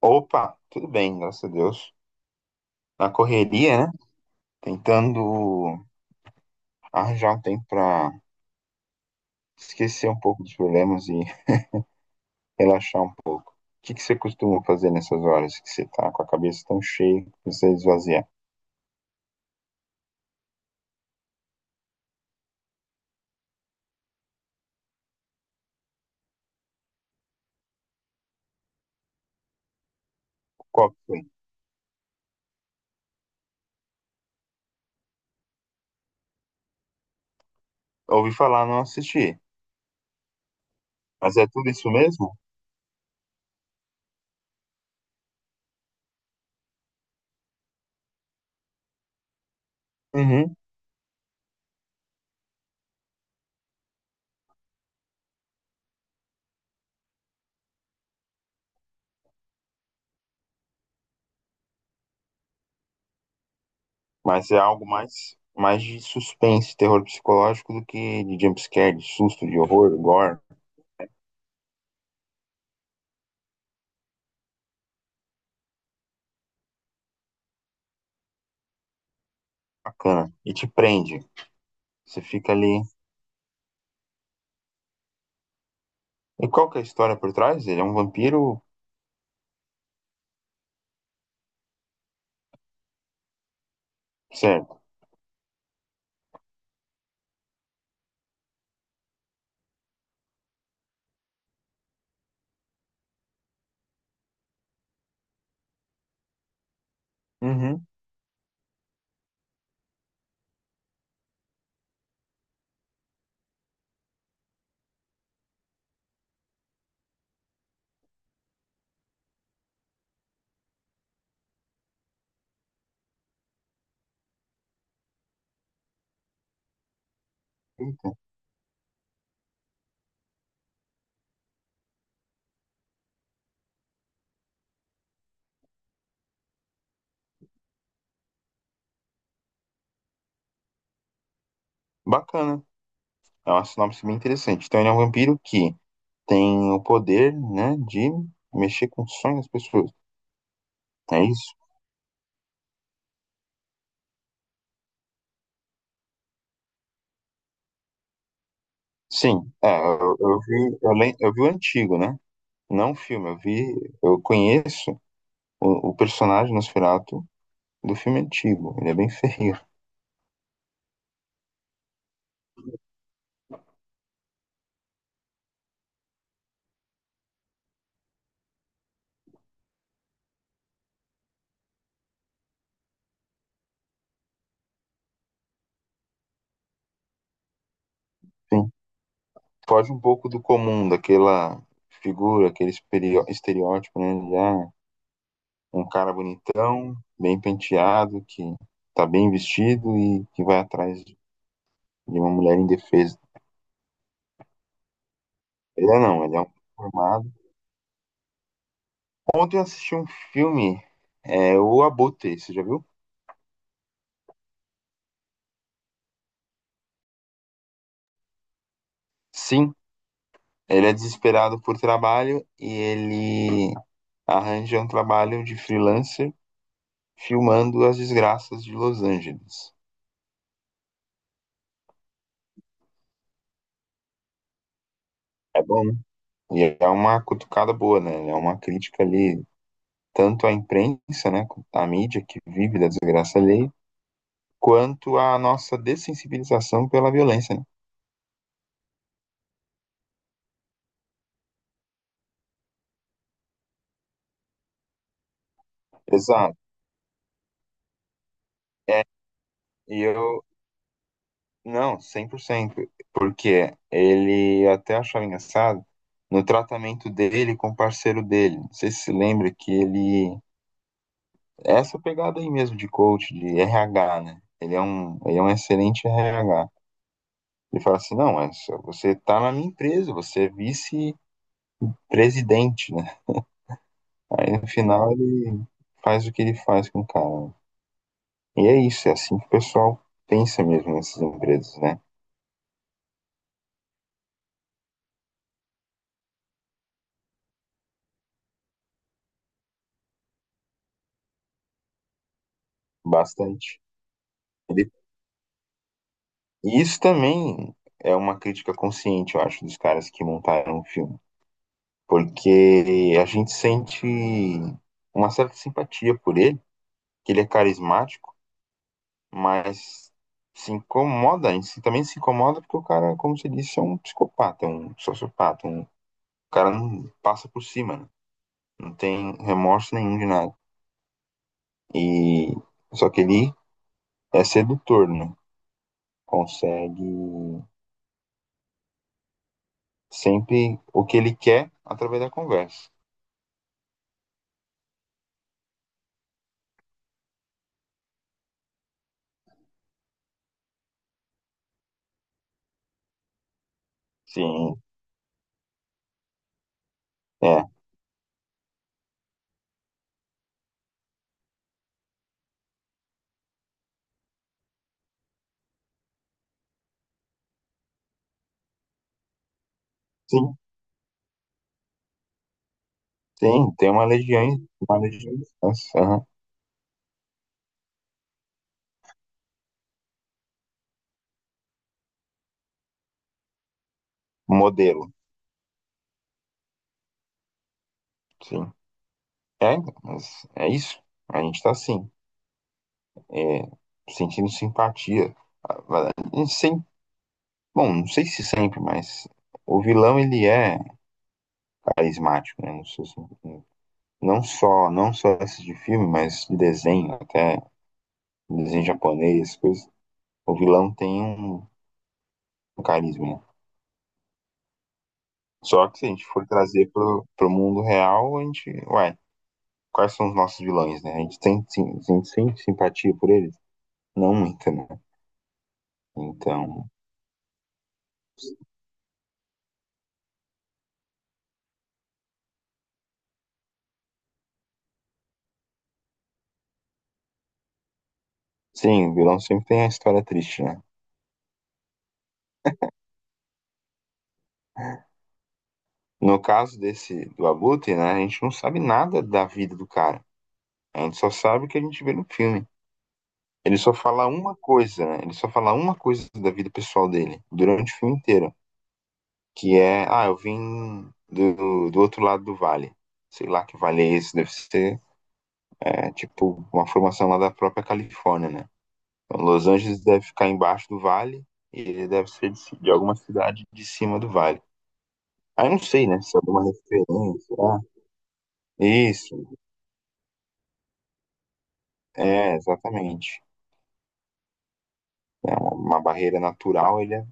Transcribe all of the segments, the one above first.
Opa, tudo bem, graças a Deus. Na correria, né? Tentando arranjar um tempo pra esquecer um pouco dos problemas e relaxar um pouco. O que você costuma fazer nessas horas que você tá com a cabeça tão cheia, que você esvazia? Qual que foi? Ouvi falar, não assisti. Mas é tudo isso mesmo? Uhum. Mas é algo mais de suspense, terror psicológico do que de jumpscare, de susto, de horror, gore. Bacana. E te prende. Você fica ali. E qual que é a história por trás? Ele é um vampiro? Certo. Uhum. Eita. Bacana. É uma sinopse bem interessante. Então, ele é um vampiro que tem o poder, né, de mexer com os sonhos das pessoas. É isso? Sim. É, eu vi, eu vi o antigo, né? Não o filme. Eu vi, eu conheço o personagem Nosferatu do filme antigo. Ele é bem feio. Sim. Foge um pouco do comum, daquela figura, aquele estereótipo, né? De, ah, um cara bonitão, bem penteado, que tá bem vestido e que vai atrás de uma mulher indefesa. Ele é não, ele é um formado. Ontem eu assisti um filme, é, O Abutre, você já viu? Sim, ele é desesperado por trabalho e ele arranja um trabalho de freelancer filmando as desgraças de Los Angeles. É bom, né? E é uma cutucada boa, né? É uma crítica ali, tanto à imprensa, né, à mídia que vive da desgraça alheia, quanto à nossa dessensibilização pela violência, né? Exato. É, e eu, não, cem por cento. Porque ele eu até achava engraçado no tratamento dele com o parceiro dele. Não sei se se lembra que ele. Essa pegada aí mesmo de coach, de RH, né? Ele é um excelente RH. Ele fala assim: não, mas você tá na minha empresa, você é vice-presidente, né? Aí no final ele faz o que ele faz com o cara. E é isso, é assim que o pessoal pensa mesmo nessas empresas, né? Bastante. E isso também é uma crítica consciente, eu acho, dos caras que montaram o filme. Porque a gente sente uma certa simpatia por ele, que ele é carismático, mas se incomoda, a gente também se incomoda porque o cara, como você disse, é um psicopata, um sociopata, um o cara não passa por cima, né? Não tem remorso nenhum de nada. E só que ele é sedutor, né? Consegue sempre o que ele quer através da conversa. Sim. É, sim, sim, tem uma legião de fãs. Aham. Um modelo, sim. É, mas é isso. A gente tá assim, é, sentindo simpatia. A- a gente bom, não sei se sempre, mas o vilão ele é carismático, né? Não sei se- Não só, não só esse de filme, mas de desenho, até desenho japonês, coisas. O vilão tem um, um carisma, né? Só que se a gente for trazer pro mundo real, a gente, ué, quais são os nossos vilões, né? A gente tem, sim, a gente sente simpatia por eles? Não muita, né? Então, sim, o vilão sempre tem a história triste, né? No caso desse do Abutre, né, a gente não sabe nada da vida do cara. A gente só sabe o que a gente vê no filme. Ele só fala uma coisa, né? Ele só fala uma coisa da vida pessoal dele durante o filme inteiro, que é, ah, eu vim do outro lado do vale. Sei lá que vale é esse, deve ser, é, tipo, uma formação lá da própria Califórnia, né? Então, Los Angeles deve ficar embaixo do vale e ele deve ser de alguma cidade de cima do vale. Aí não sei, né? Se é alguma referência. Ah, isso, é, exatamente. É uma barreira natural, ele é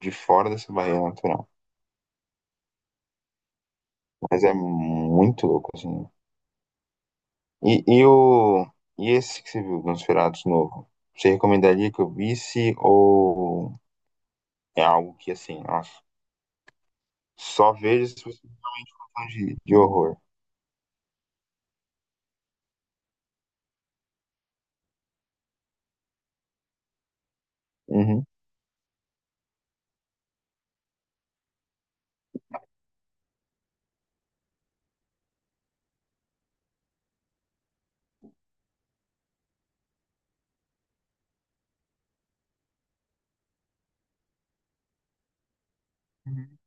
de fora dessa barreira natural. Mas é muito louco, assim. E, e, o, e esse que você viu, Nosferatu novo? Você recomendaria que eu visse ou é algo que, assim, nossa, só vejo se você for fã de horror? Uhum. Uhum.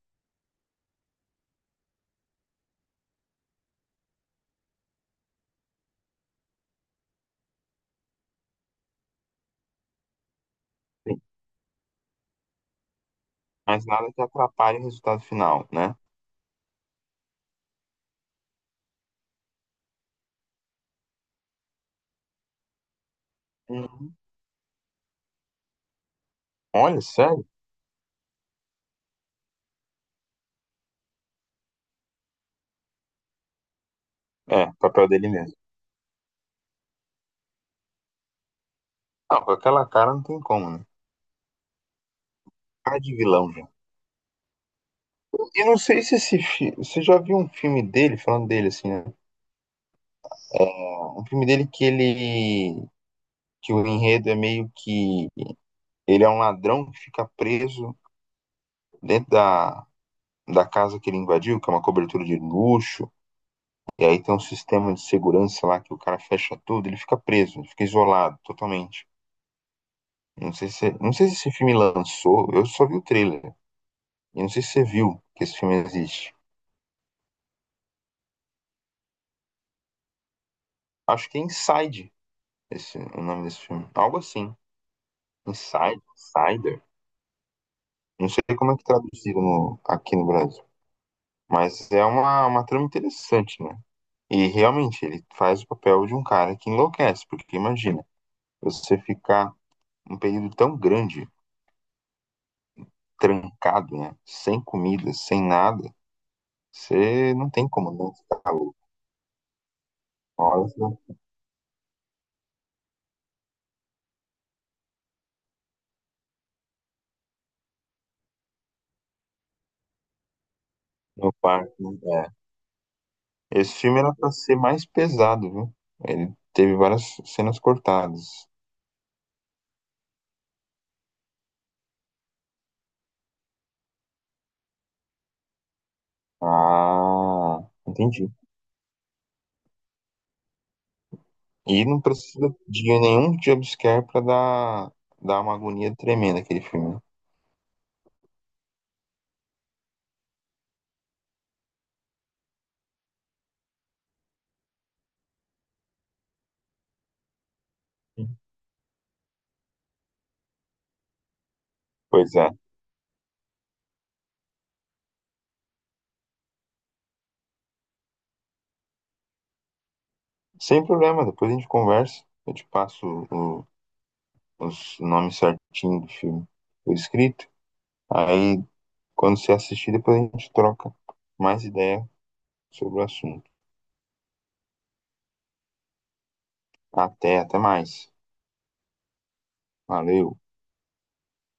Mas nada que atrapalhe o resultado final, né? Uhum. Olha, sério? É, papel dele mesmo. Não, com aquela cara não tem como, né? Cara de vilão já. Eu não sei se esse você já viu um filme dele, falando dele assim, né? Um filme dele que ele que o enredo é meio que ele é um ladrão que fica preso dentro da casa que ele invadiu, que é uma cobertura de luxo, e aí tem um sistema de segurança lá que o cara fecha tudo, ele fica preso, ele fica isolado totalmente. Não sei se esse filme lançou, eu só vi o trailer. E não sei se você viu que esse filme existe. Acho que é Inside, esse, o nome desse filme. Algo assim. Inside, Insider. Não sei como é que traduziram aqui no Brasil. Mas é uma trama interessante, né? E realmente, ele faz o papel de um cara que enlouquece, porque imagina, você ficar um período tão grande, trancado, né? Sem comida, sem nada, você não tem como não ficar louco. Uma hora tá no parque, né? É. Esse filme era pra ser mais pesado, viu? Ele teve várias cenas cortadas. Ah, entendi. E não precisa de nenhum jumpscare pra dar uma agonia tremenda aquele filme. Né? Sim. Pois é. Sem problema, depois a gente conversa. Eu te passo o, os nomes certinhos do filme por escrito. Aí, quando você assistir, depois a gente troca mais ideia sobre o assunto. Até, até mais. Valeu.